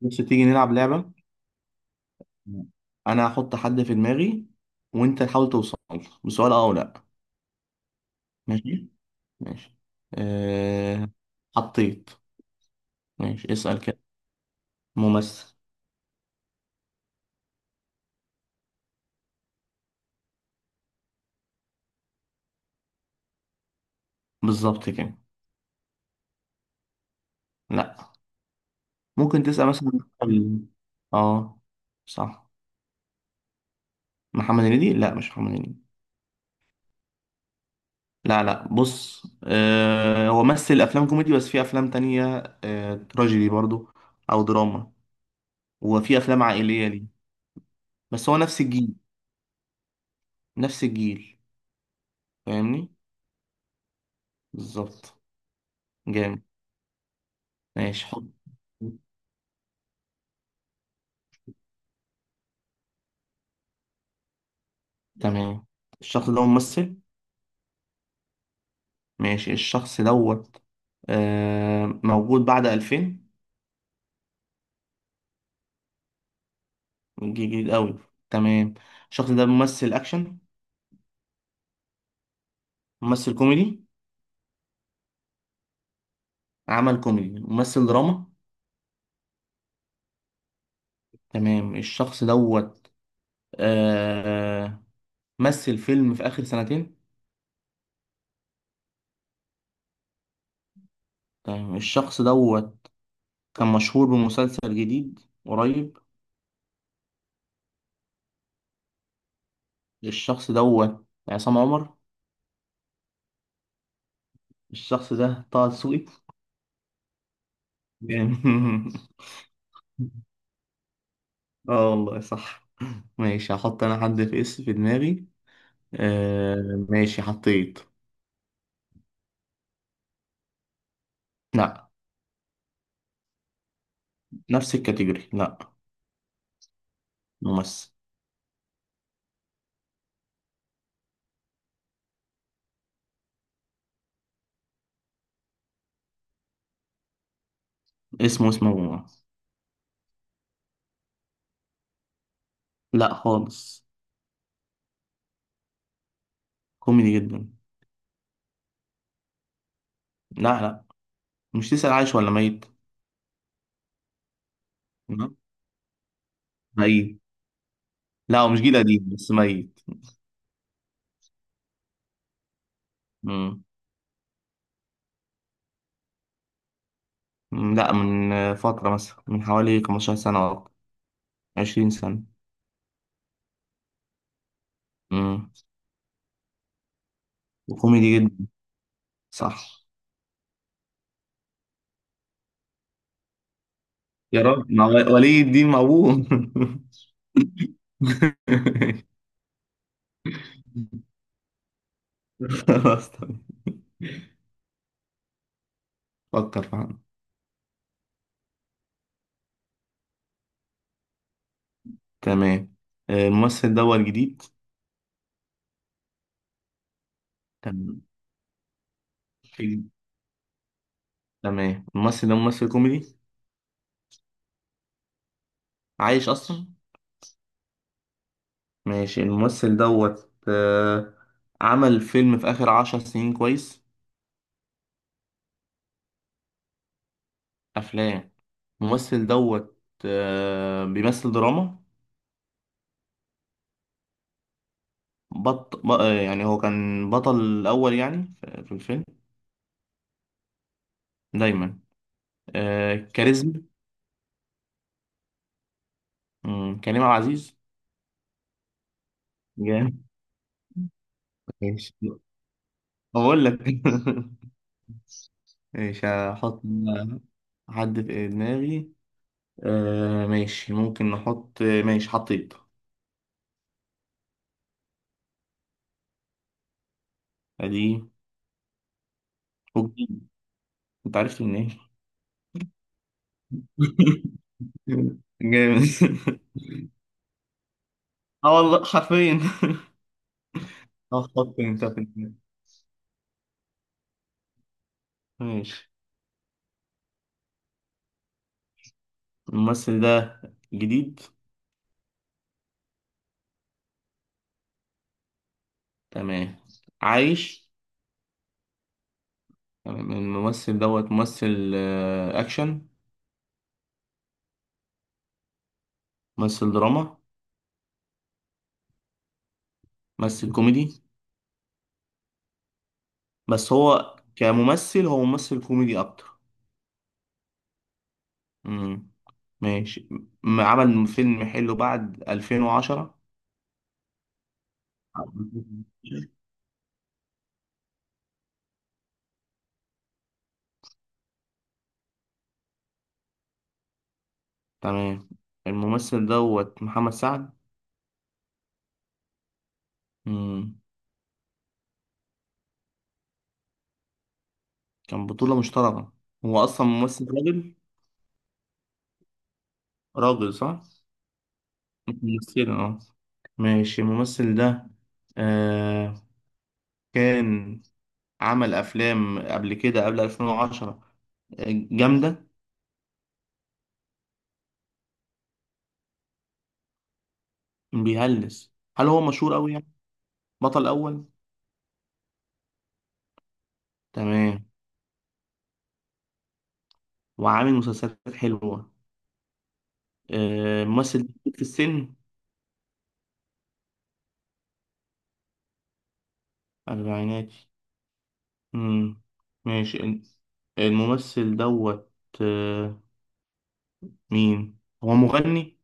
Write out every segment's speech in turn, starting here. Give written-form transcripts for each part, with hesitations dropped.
بص، تيجي نلعب لعبة. أنا هحط حد في دماغي وأنت تحاول توصل له بسؤال أه أو لأ. ماشي. ماشي. أه... حطيت. ماشي، اسأل كده. ممثل. بالظبط كده. لأ، ممكن تسأل مثلا. ال- أه، صح. محمد هنيدي، لأ مش محمد هنيدي. لا، لا، بص، هو مثل أفلام كوميدي بس في أفلام تانية. تراجيدي برضو، أو دراما، وفي أفلام عائلية ليه. بس هو نفس الجيل. نفس الجيل. فاهمني. بالظبط. جامد. ماشي، حط. تمام، الشخص ده ممثل. ماشي الشخص دوت. موجود بعد 2000. جديد قوي. تمام، الشخص ده ممثل اكشن. ممثل كوميدي. عمل كوميدي، ممثل دراما. تمام الشخص دوت، آه مثل فيلم في اخر سنتين. تمام الشخص دوت كان مشهور بمسلسل جديد قريب. الشخص دوت عصام عمر. الشخص ده طه دسوقي. جامد. اه، والله صح. ماشي، هحط انا حد في دماغي. آه ماشي، حطيت. لا. نفس الكاتيجوري، لا. ممثل. اسمه ممثل. لا خالص. كوميدي جدا. لا، لا، مش تسأل عايش ولا ميت. لا. ميت. لا، هو مش جيل قديم بس ميت. مم. لا، من فترة مثلا من حوالي 15 سنة أو 20 سنة. مم. وكوميدي جدا. صح. يا رب مع ولي الدين موهوب. خلاص، تمام. فكر فعلا. تمام. الممثل ده هو الجديد. تمام. في- تمام الممثل ده ممثل كوميدي. عايش أصلا. ماشي الممثل دوت، عمل فيلم في آخر 10 سنين كويس. أفلام. الممثل دوت، بيمثل دراما. بط... ب... آه، يعني هو كان بطل الأول، يعني في الفيلم. دايما. كاريزما. كريم عبد العزيز. جامد. ماشي، بقول لك. ماشي، هحط. عدت دماغي. ماشي، ممكن نحط، ماشي، حطيت. ادي. وجديد. انت عرفت منين. جامد. اه والله حرفيا. اه، حط انت في دماغي. ماشي، الممثل ده جديد. تمام. عايش. تمام الممثل دوت ممثل اكشن. ممثل دراما. ممثل كوميدي. بس هو كممثل هو ممثل كوميدي اكتر. امم ماشي. عمل فيلم حلو بعد 2010. تمام، الممثل دوت محمد سعد. مم. كان بطولة مشتركة. هو أصلا ممثل راجل. راجل، صح؟ مش ممثلة، اه. ماشي الممثل ده آه كان عمل أفلام قبل كده، قبل 2010. آه، جامدة. بيهلس، هل هو مشهور أوي يعني؟ بطل أول؟ تمام. وعامل مسلسلات حلوة. ممثل في السن. أربعيناتي. امم ماشي الممثل دوت، آه، مين؟ هو مغني؟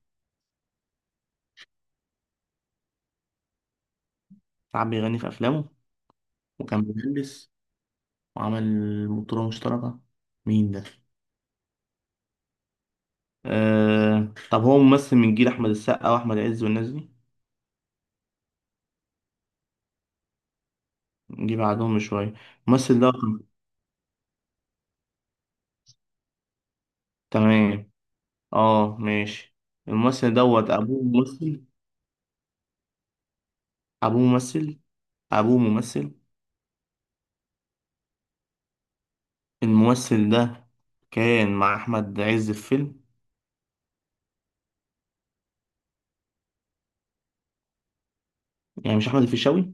ساعات بيغني في افلامه. وكان مهندس، وعمل بطولة مشتركة. مين ده؟ طب هو ممثل من جيل احمد السقا واحمد عز والناس دي؟ نجي بعدهم بشوية. الممثل ده تمام. اه ماشي الممثل دوت ابوه ممثل. ابوه ممثل. ابوه ممثل. الممثل ده كان مع احمد عز في فيلم. يعني مش احمد الفيشاوي.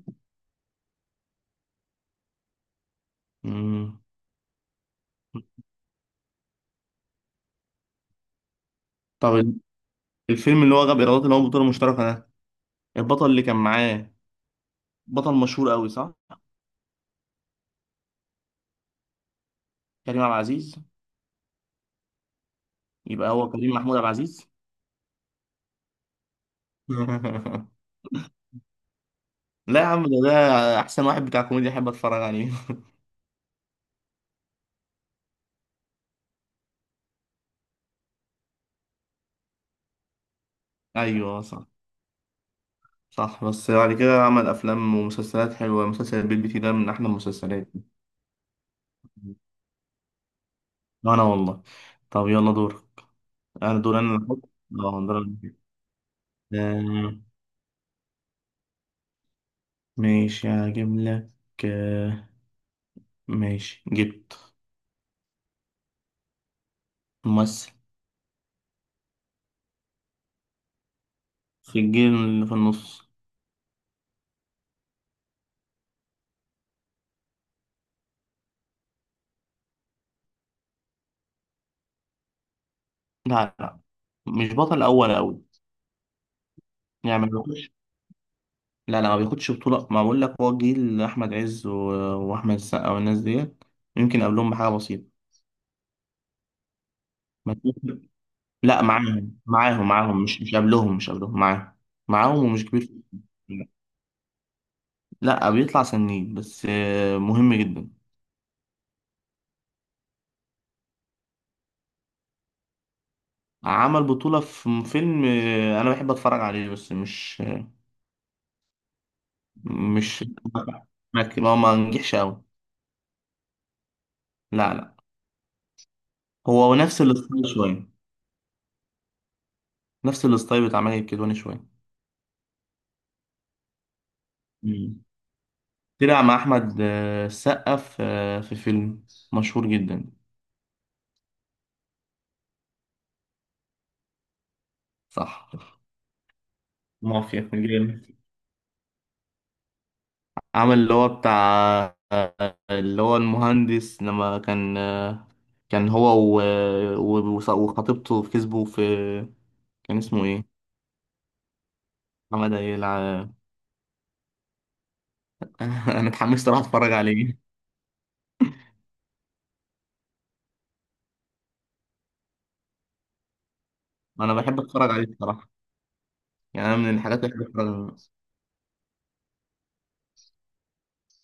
مم. طب الفيلم اللي هو غاب إيرادات اللي هو بطولة مشتركة ده، البطل اللي كان معاه بطل مشهور قوي، صح؟ كريم عبد العزيز. يبقى هو كريم محمود عبد العزيز. لا يا عم ده. أحسن واحد بتاع كوميديا أحب أتفرج عليه. أيوه، صح. صح، بس بعد كده عمل أفلام ومسلسلات حلوة. مسلسل البيت بيتي ده من أحلى المسلسلات. أنا والله. طب يلا دور. أنا دور، أنا اللي أحط؟ أه، دور أنا. آه، ماشي، هجيب لك. آه، ماشي، جبت. ممثل. في الجيل اللي في النص. لا، لا، مش بطل اول قوي. يعني ما بياخدش. لا، لا، ما بياخدش بطولة، ما بقول لك هو جيل احمد عز واحمد السقا والناس ديت. يمكن قبلهم بحاجة بسيطة. ما تقول- لا، معاهم معاهم معاهم، مش قبلهم، مش قبلهم، معاهم. معاهم ومش كبير. لا، بيطلع سنين بس، مهم جدا. عمل بطولة في فيلم، انا بحب اتفرج عليه بس مش. مش. ما ما نجحش قوي. لا، لا، هو نفس الستايل شوية. نفس الستايل بتاع ماجد الكدواني شوية. مم. طلع مع أحمد السقا في فيلم مشهور جدا. صح، مافيا جامد. عمل اللي هو المهندس لما كان هو و- وخطيبته كسبوا في. كان اسمه ايه؟ محمد هيلع. انا اتحمست اروح اتفرج عليه. انا بحب اتفرج عليه بصراحة. يعني أنا من الحاجات اللي بحب اتفرج عليها.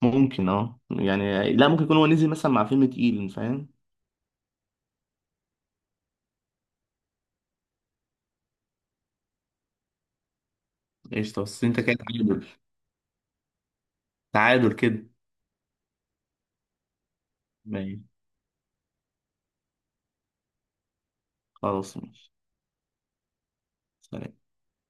ممكن، يعني لا، ممكن يكون هو نزل مثلا مع فيلم تقيل، فاهم؟ قشطة، بس انت كده تعادل. تعادل كده. ماشي، خلاص، ماشي. سلام.